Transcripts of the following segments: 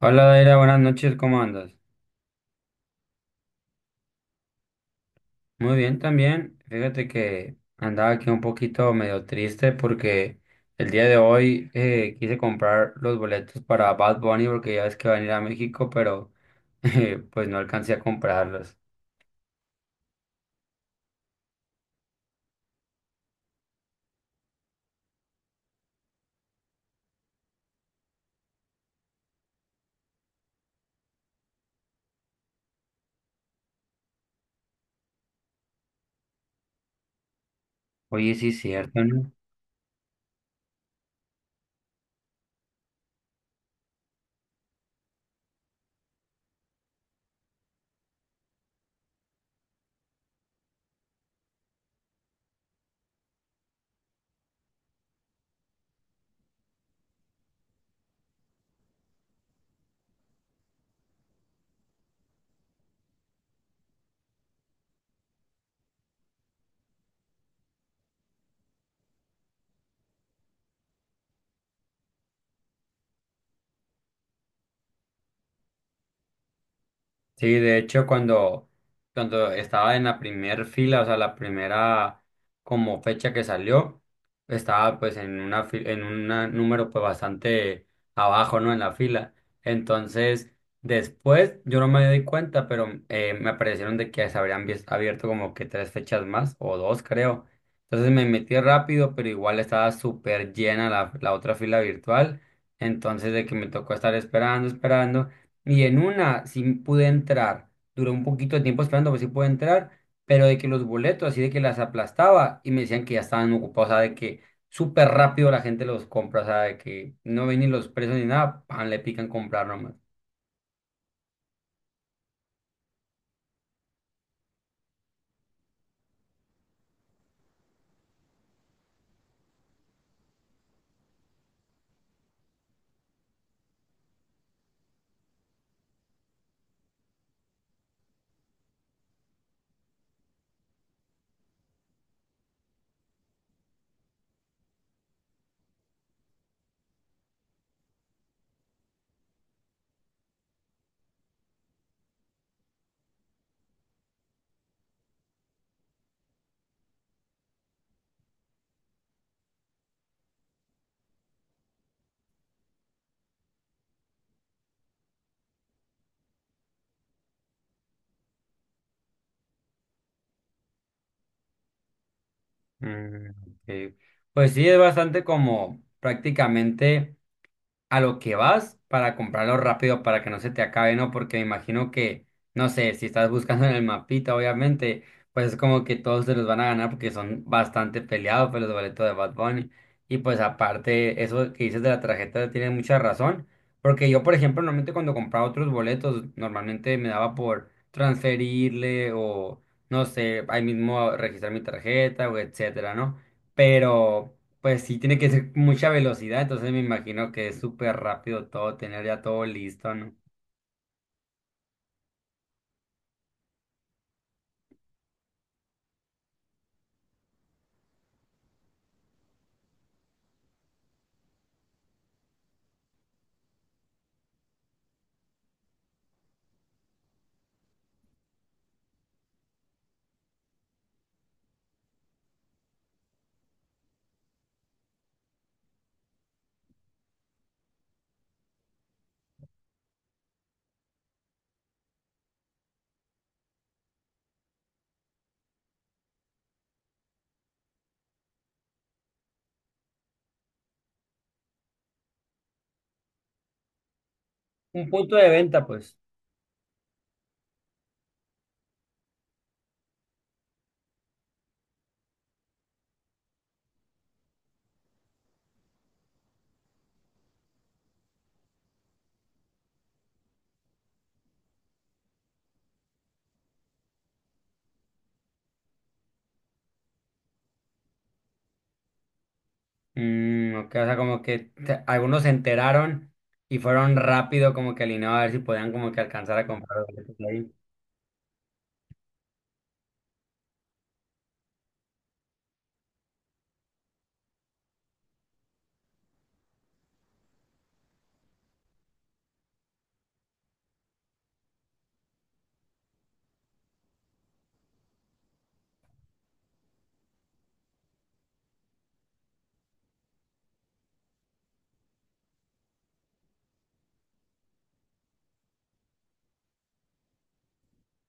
Hola Daira, buenas noches, ¿cómo andas? Muy bien también. Fíjate que andaba aquí un poquito medio triste porque el día de hoy quise comprar los boletos para Bad Bunny porque ya ves que van a ir a México, pero pues no alcancé a comprarlos. Oye, sí es cierto, ¿no? Sí, de hecho, cuando estaba en la primera fila, o sea, la primera como fecha que salió, estaba pues en una en un número pues bastante abajo, ¿no? En la fila. Entonces, después yo no me di cuenta, pero me aparecieron de que se habrían abierto como que tres fechas más, o dos creo. Entonces me metí rápido, pero igual estaba súper llena la otra fila virtual. Entonces, de que me tocó estar esperando, esperando. Y en una sí pude entrar. Duró un poquito de tiempo esperando, pero sí pude entrar. Pero de que los boletos, así de que las aplastaba y me decían que ya estaban ocupados. O sea, de que súper rápido la gente los compra. O sea, de que no ven ni los precios ni nada. Pan, le pican comprar nomás. Mm, ok. Pues sí, es bastante como prácticamente. A lo que vas para comprarlo rápido para que no se te acabe, ¿no? Porque me imagino que, no sé, si estás buscando en el mapita, obviamente, pues es como que todos se los van a ganar porque son bastante peleados pues, los boletos de Bad Bunny. Y pues aparte, eso que dices de la tarjeta tiene mucha razón, porque yo, por ejemplo, normalmente cuando compraba otros boletos, normalmente me daba por transferirle o, no sé, ahí mismo registrar mi tarjeta o etcétera, ¿no? Pero... Pues sí, tiene que ser mucha velocidad, entonces me imagino que es súper rápido todo, tener ya todo listo, ¿no? Un punto de venta, pues. Mm, ok, o sea, como que algunos se enteraron y fueron rápido como que alineados a ver si podían como que alcanzar a comprar boletos ahí.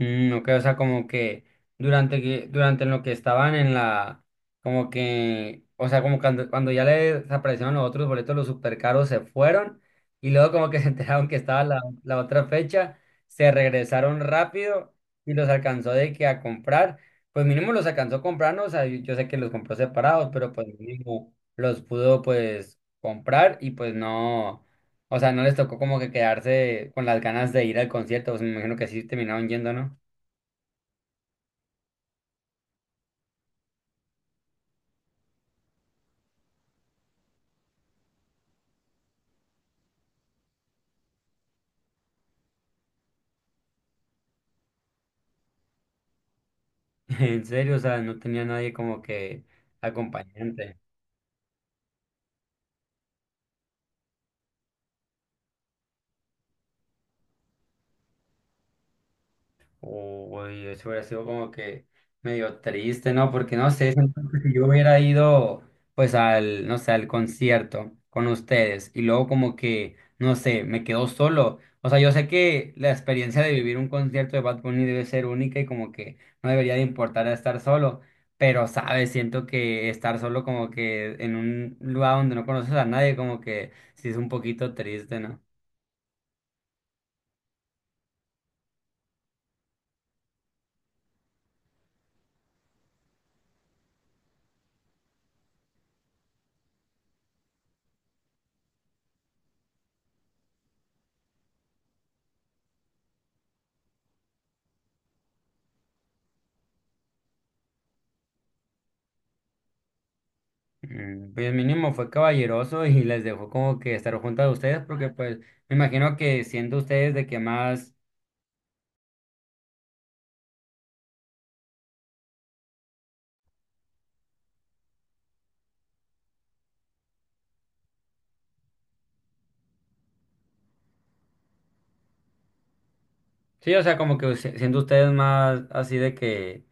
Mm, ok, o sea, como que durante en lo que estaban en la, como que, o sea, como cuando ya les desaparecieron los otros boletos, los super caros se fueron y luego como que se enteraron que estaba la otra fecha, se regresaron rápido y los alcanzó de que a comprar, pues mínimo los alcanzó a comprar, ¿no? O sea, yo sé que los compró separados, pero pues mínimo los pudo pues comprar y pues no, o sea, no les tocó como que quedarse con las ganas de ir al concierto, pues me imagino que así terminaron yendo, ¿no? En serio, o sea, no tenía nadie como que acompañante. Uy, eso hubiera sido como que medio triste, ¿no? Porque no sé, siento que si yo hubiera ido, pues al, no sé, al concierto con ustedes y luego como que, no sé, me quedo solo. O sea, yo sé que la experiencia de vivir un concierto de Bad Bunny debe ser única y como que no debería de importar estar solo. Pero, ¿sabes? Siento que estar solo como que en un lugar donde no conoces a nadie, como que sí es un poquito triste, ¿no? Mm, pues mínimo fue caballeroso y les dejó como que estar juntas a ustedes porque pues me imagino que siendo ustedes de que más, sí, o sea, como que siendo ustedes más así de que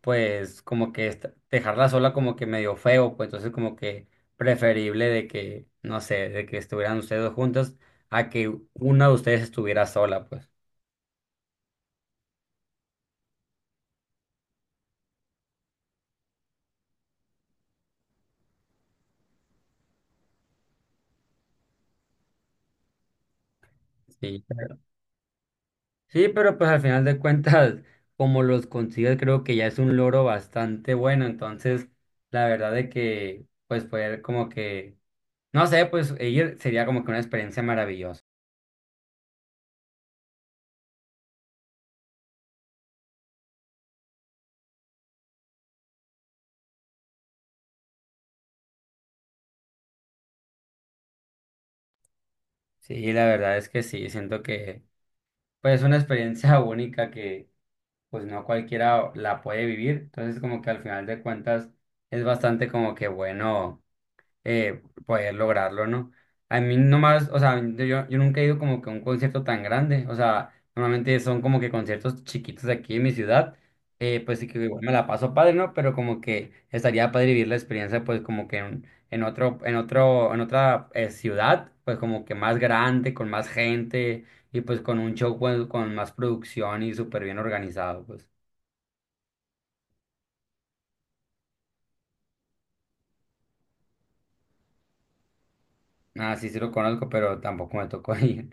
pues como que dejarla sola como que medio feo, pues entonces como que preferible de que, no sé, de que estuvieran ustedes dos juntas a que una de ustedes estuviera sola, pues. Sí. Sí, pero pues al final de cuentas, como los consigues, creo que ya es un logro bastante bueno. Entonces, la verdad de que, pues poder como que, no sé, pues ir sería como que una experiencia maravillosa. Sí, la verdad es que sí, siento que, pues es una experiencia única que, pues no cualquiera la puede vivir. Entonces, como que al final de cuentas, es bastante como que bueno poder lograrlo, ¿no? A mí nomás, o sea, yo nunca he ido como que a un concierto tan grande, o sea, normalmente son como que conciertos chiquitos aquí en mi ciudad, pues sí que igual me la paso padre, ¿no? Pero como que estaría padre vivir la experiencia, pues como que en otro, en otro, en otra ciudad, pues como que más grande, con más gente y pues con un show pues, con más producción y súper bien organizado, pues. Ah, sí, sí lo conozco, pero tampoco me tocó ir.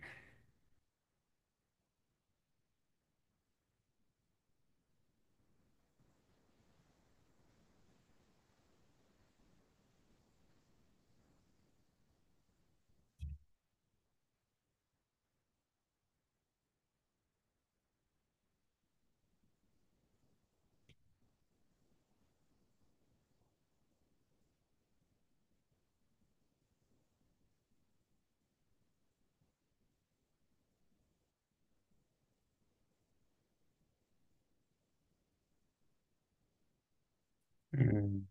Mm.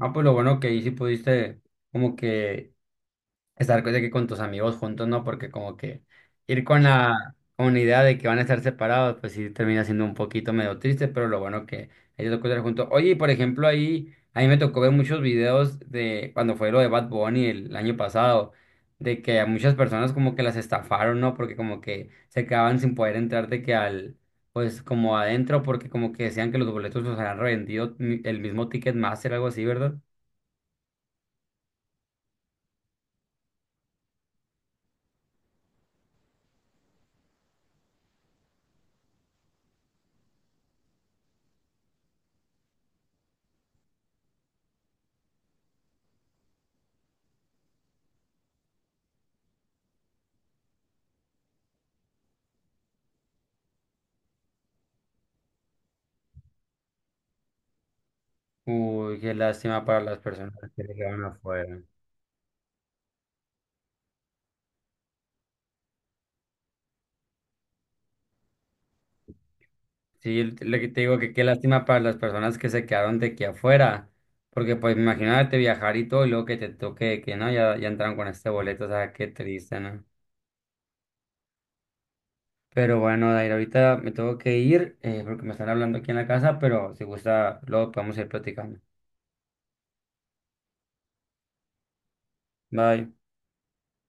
Ah pues lo bueno que ahí sí pudiste como que estar de que con tus amigos juntos, ¿no? Porque como que ir con con la idea de que van a estar separados, pues sí termina siendo un poquito medio triste, pero lo bueno que ellos lo estar juntos. Oye, y por ejemplo, ahí, a mí me tocó ver muchos videos de cuando fue lo de Bad Bunny el año pasado, de que a muchas personas como que las estafaron, ¿no? Porque como que se quedaban sin poder entrar de que al... Pues como adentro, porque como que decían que los boletos los habían revendido el mismo Ticketmaster, algo así, ¿verdad? Uy, qué lástima para las personas que se quedaron afuera. Sí, lo que te digo que qué lástima para las personas que se quedaron de aquí afuera, porque pues imagínate viajar y todo y luego que te toque que no, ya, ya entraron con este boleto, o sea, qué triste, ¿no? Pero bueno, Dair, ahorita me tengo que ir porque me están hablando aquí en la casa, pero si gusta, luego podemos ir platicando. Bye.